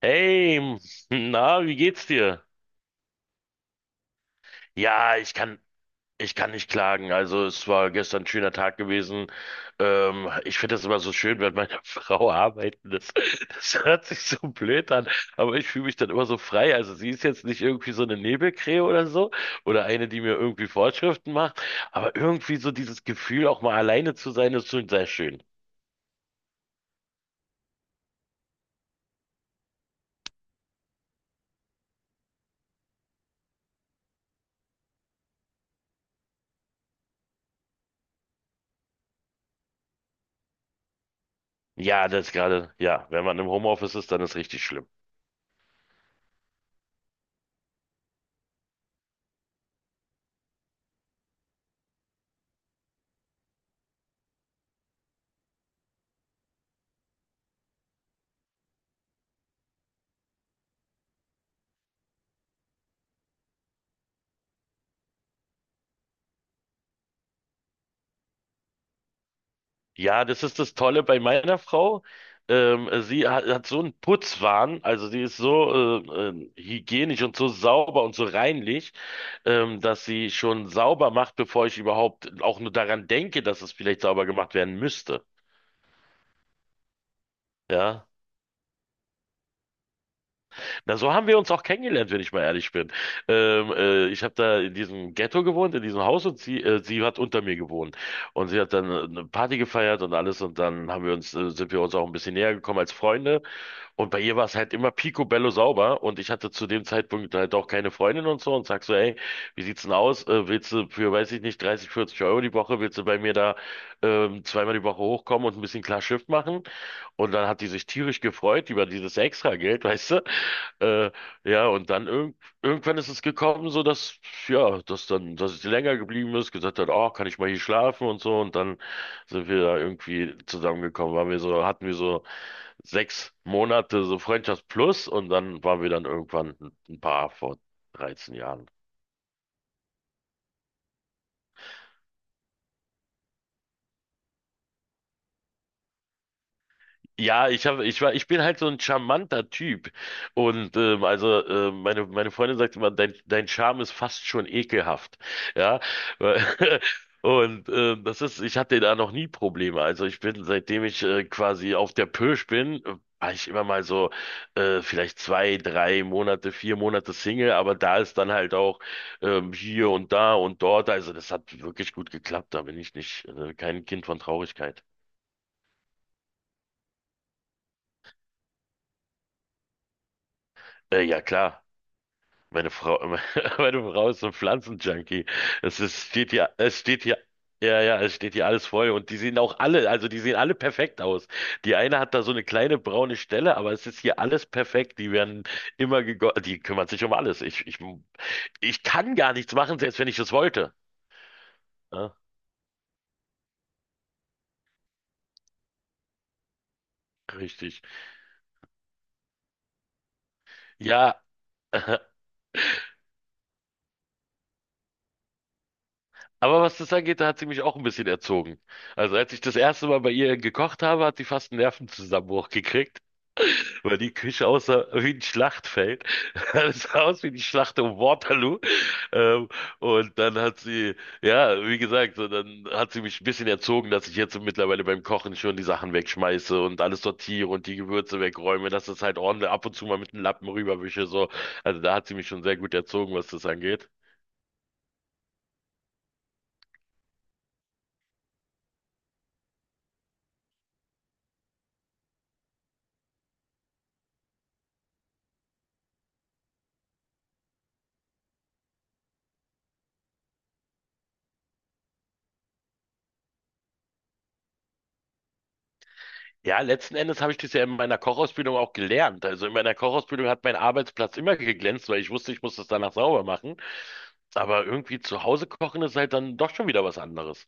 Hey, na, wie geht's dir? Ja, ich kann nicht klagen. Also es war gestern ein schöner Tag gewesen. Ich finde das immer so schön, wenn meine Frau arbeiten ist. Das hört sich so blöd an, aber ich fühle mich dann immer so frei. Also sie ist jetzt nicht irgendwie so eine Nebelkrähe oder so oder eine, die mir irgendwie Vorschriften macht, aber irgendwie so dieses Gefühl, auch mal alleine zu sein, ist schon sehr schön. Ja, das gerade, ja, wenn man im Homeoffice ist, dann ist richtig schlimm. Ja, das ist das Tolle bei meiner Frau. Sie hat so einen Putzwahn, also sie ist so hygienisch und so sauber und so reinlich, dass sie schon sauber macht, bevor ich überhaupt auch nur daran denke, dass es vielleicht sauber gemacht werden müsste. Ja, na so haben wir uns auch kennengelernt, wenn ich mal ehrlich bin. Ich habe da in diesem Ghetto gewohnt, in diesem Haus und sie hat unter mir gewohnt. Und sie hat dann eine Party gefeiert und alles und dann sind wir uns auch ein bisschen näher gekommen als Freunde. Und bei ihr war es halt immer picobello sauber und ich hatte zu dem Zeitpunkt halt auch keine Freundin und so und sag so, ey, wie sieht's denn aus? Willst du für, weiß ich nicht, 30, 40 Euro die Woche, willst du bei mir da zweimal die Woche hochkommen und ein bisschen klar Schiff machen? Und dann hat die sich tierisch gefreut über dieses Extrageld, weißt du? Äh, ja, und dann irgendwann ist es gekommen, so dass, ja, dass sie länger geblieben ist, gesagt hat, oh, kann ich mal hier schlafen und so. Und dann sind wir da irgendwie zusammengekommen, waren wir so, hatten wir so 6 Monate so Freundschaft plus und dann waren wir dann irgendwann ein Paar vor 13 Jahren. Ja, ich habe, ich war, ich bin halt so ein charmanter Typ. Und also meine Freundin sagt immer, dein Charme ist fast schon ekelhaft. Ja. Und ich hatte da noch nie Probleme. Also ich bin, seitdem ich quasi auf der Pirsch bin, war ich immer mal so vielleicht 2, 3 Monate, 4 Monate Single, aber da ist dann halt auch hier und da und dort. Also das hat wirklich gut geklappt. Da bin ich nicht kein Kind von Traurigkeit. Ja klar. Meine Frau, meine Frau ist so ein Pflanzenjunkie. Es steht hier, ja, ja, es steht hier alles voll und die sehen auch alle, also die sehen alle perfekt aus. Die eine hat da so eine kleine braune Stelle, aber es ist hier alles perfekt. Die werden immer gegossen, die kümmert sich um alles. Ich kann gar nichts machen, selbst wenn ich es wollte. Ja, richtig. Ja, aber was das angeht, da hat sie mich auch ein bisschen erzogen. Also als ich das erste Mal bei ihr gekocht habe, hat sie fast einen Nervenzusammenbruch gekriegt, weil die Küche aussah wie ein Schlachtfeld. Es sah aus wie die Schlacht um Waterloo. Ähm, und dann hat sie, ja, wie gesagt, so, dann hat sie mich ein bisschen erzogen, dass ich jetzt mittlerweile beim Kochen schon die Sachen wegschmeiße und alles sortiere und die Gewürze wegräume, dass das halt ordentlich ab und zu mal mit dem Lappen rüberwische, so. Also da hat sie mich schon sehr gut erzogen, was das angeht. Ja, letzten Endes habe ich das ja in meiner Kochausbildung auch gelernt. Also in meiner Kochausbildung hat mein Arbeitsplatz immer geglänzt, weil ich wusste, ich muss das danach sauber machen. Aber irgendwie zu Hause kochen ist halt dann doch schon wieder was anderes.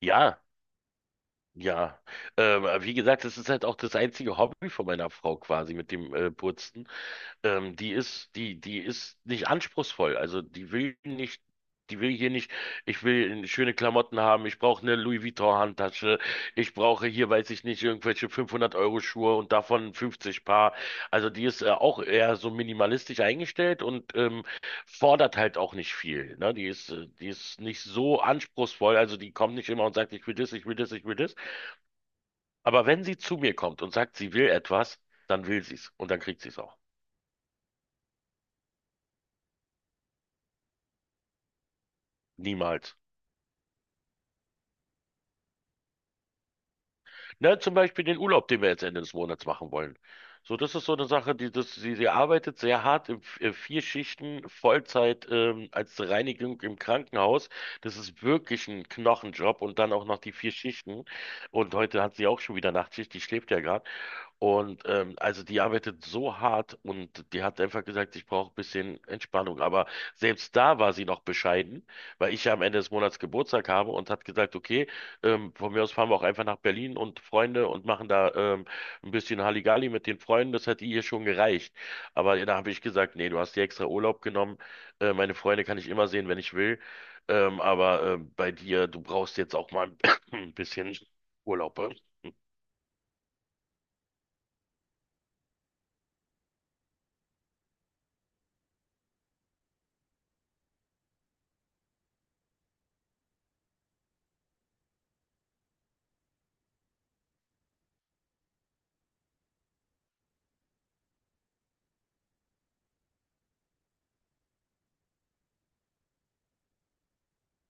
Ja, ja. Wie gesagt, das ist halt auch das einzige Hobby von meiner Frau quasi mit dem Putzen. Die ist nicht anspruchsvoll. Also die will nicht, die will hier nicht, ich will schöne Klamotten haben, ich brauche eine Louis Vuitton-Handtasche, ich brauche hier, weiß ich nicht, irgendwelche 500-Euro-Schuhe und davon 50 Paar. Also die ist auch eher so minimalistisch eingestellt und fordert halt auch nicht viel. Ne? Die ist nicht so anspruchsvoll. Also die kommt nicht immer und sagt, ich will das, ich will das, ich will das. Aber wenn sie zu mir kommt und sagt, sie will etwas, dann will sie es und dann kriegt sie es auch. Niemals. Ne, zum Beispiel den Urlaub, den wir jetzt Ende des Monats machen wollen. So, das ist so eine Sache, sie arbeitet sehr hart in vier Schichten, Vollzeit, als Reinigung im Krankenhaus. Das ist wirklich ein Knochenjob und dann auch noch die vier Schichten. Und heute hat sie auch schon wieder Nachtschicht, die schläft ja gerade. Und also die arbeitet so hart und die hat einfach gesagt, ich brauche ein bisschen Entspannung. Aber selbst da war sie noch bescheiden, weil ich ja am Ende des Monats Geburtstag habe und hat gesagt, okay, von mir aus fahren wir auch einfach nach Berlin und Freunde und machen da ein bisschen Halligalli mit den Freunden. Das hat ihr schon gereicht. Aber da habe ich gesagt, nee, du hast dir extra Urlaub genommen. Meine Freunde kann ich immer sehen, wenn ich will. Aber bei dir, du brauchst jetzt auch mal ein bisschen Urlaub.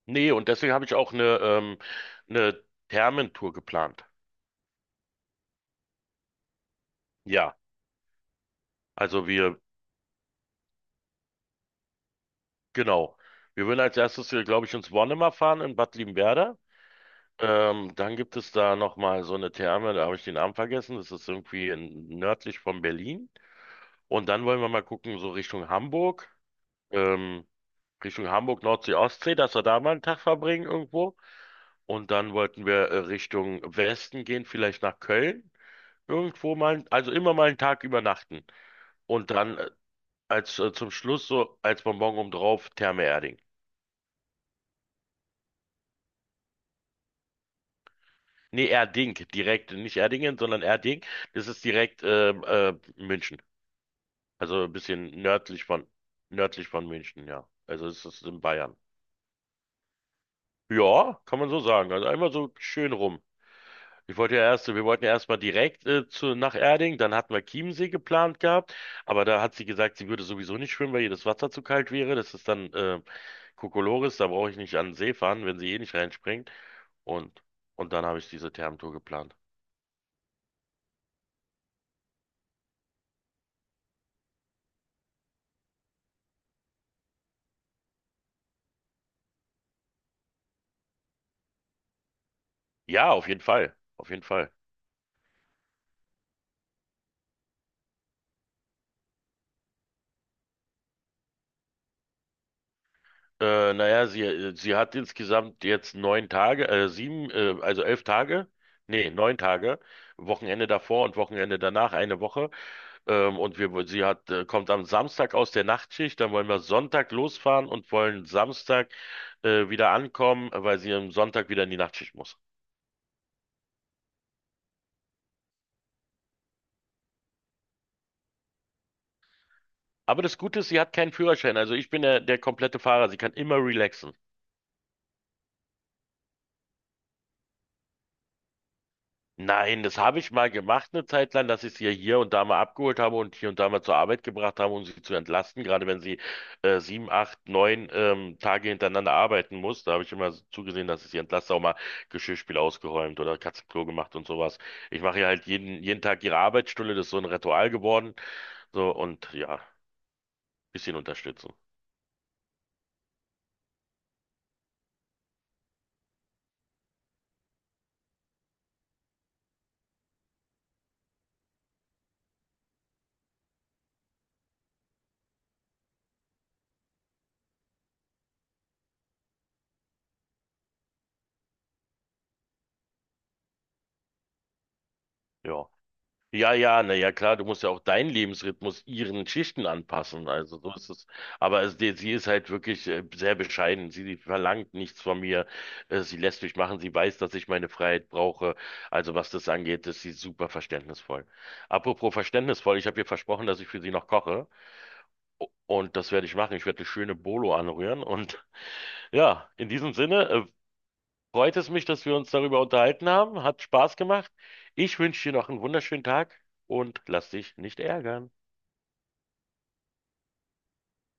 Nee, und deswegen habe ich auch eine Thermentour geplant. Ja, also wir, genau. Wir würden als erstes, glaube ich, ins Wonnemar fahren in Bad Liebenwerda. Dann gibt es da nochmal so eine Therme, da habe ich den Namen vergessen. Das ist irgendwie nördlich von Berlin. Und dann wollen wir mal gucken, so ähm, Richtung Hamburg, Nordsee, Ostsee, dass wir da mal einen Tag verbringen irgendwo. Und dann wollten wir Richtung Westen gehen, vielleicht nach Köln irgendwo mal, also immer mal einen Tag übernachten. Und dann als zum Schluss so als Bonbon oben drauf Therme Erding. Nee, Erding, direkt, nicht Erdingen, sondern Erding. Das ist direkt München. Also ein bisschen nördlich von München, ja. Also es ist in Bayern. Ja, kann man so sagen. Also einmal so schön rum. Ich wollte ja erst, wir wollten ja erstmal direkt nach Erding, dann hatten wir Chiemsee geplant gehabt, aber da hat sie gesagt, sie würde sowieso nicht schwimmen, weil ihr das Wasser zu kalt wäre. Das ist dann Kokolores, da brauche ich nicht an den See fahren, wenn sie eh nicht reinspringt. Und, und dann habe ich diese Thermtour geplant. Ja, auf jeden Fall. Auf jeden Fall. Naja, sie hat insgesamt jetzt 9 Tage, sieben, also 11 Tage. Nee, 9 Tage. Wochenende davor und Wochenende danach, eine Woche. Und wir, sie hat, kommt am Samstag aus der Nachtschicht, dann wollen wir Sonntag losfahren und wollen Samstag, wieder ankommen, weil sie am Sonntag wieder in die Nachtschicht muss. Aber das Gute ist, sie hat keinen Führerschein. Also ich bin der komplette Fahrer. Sie kann immer relaxen. Nein, das habe ich mal gemacht eine Zeit lang, dass ich sie ja hier und da mal abgeholt habe und hier und da mal zur Arbeit gebracht habe, um sie zu entlasten, gerade wenn sie 7, 8, 9 Tage hintereinander arbeiten muss. Da habe ich immer zugesehen, dass ich sie entlaste, auch mal Geschirrspül ausgeräumt oder Katzenklo gemacht und sowas. Ich mache ja halt jeden Tag ihre Arbeitsstunde, das ist so ein Ritual geworden. So und ja, bisschen unterstützen. Ja. Ja, ja, na ja, klar, du musst ja auch deinen Lebensrhythmus ihren Schichten anpassen. Also so ist es. Aber es, sie ist halt wirklich sehr bescheiden. Sie verlangt nichts von mir. Sie lässt mich machen. Sie weiß, dass ich meine Freiheit brauche. Also was das angeht, ist sie super verständnisvoll. Apropos verständnisvoll, ich habe ihr versprochen, dass ich für sie noch koche. Und das werde ich machen. Ich werde eine schöne Bolo anrühren. Und ja, in diesem Sinne, freut es mich, dass wir uns darüber unterhalten haben. Hat Spaß gemacht. Ich wünsche dir noch einen wunderschönen Tag und lass dich nicht ärgern.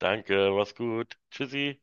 Danke, mach's gut. Tschüssi.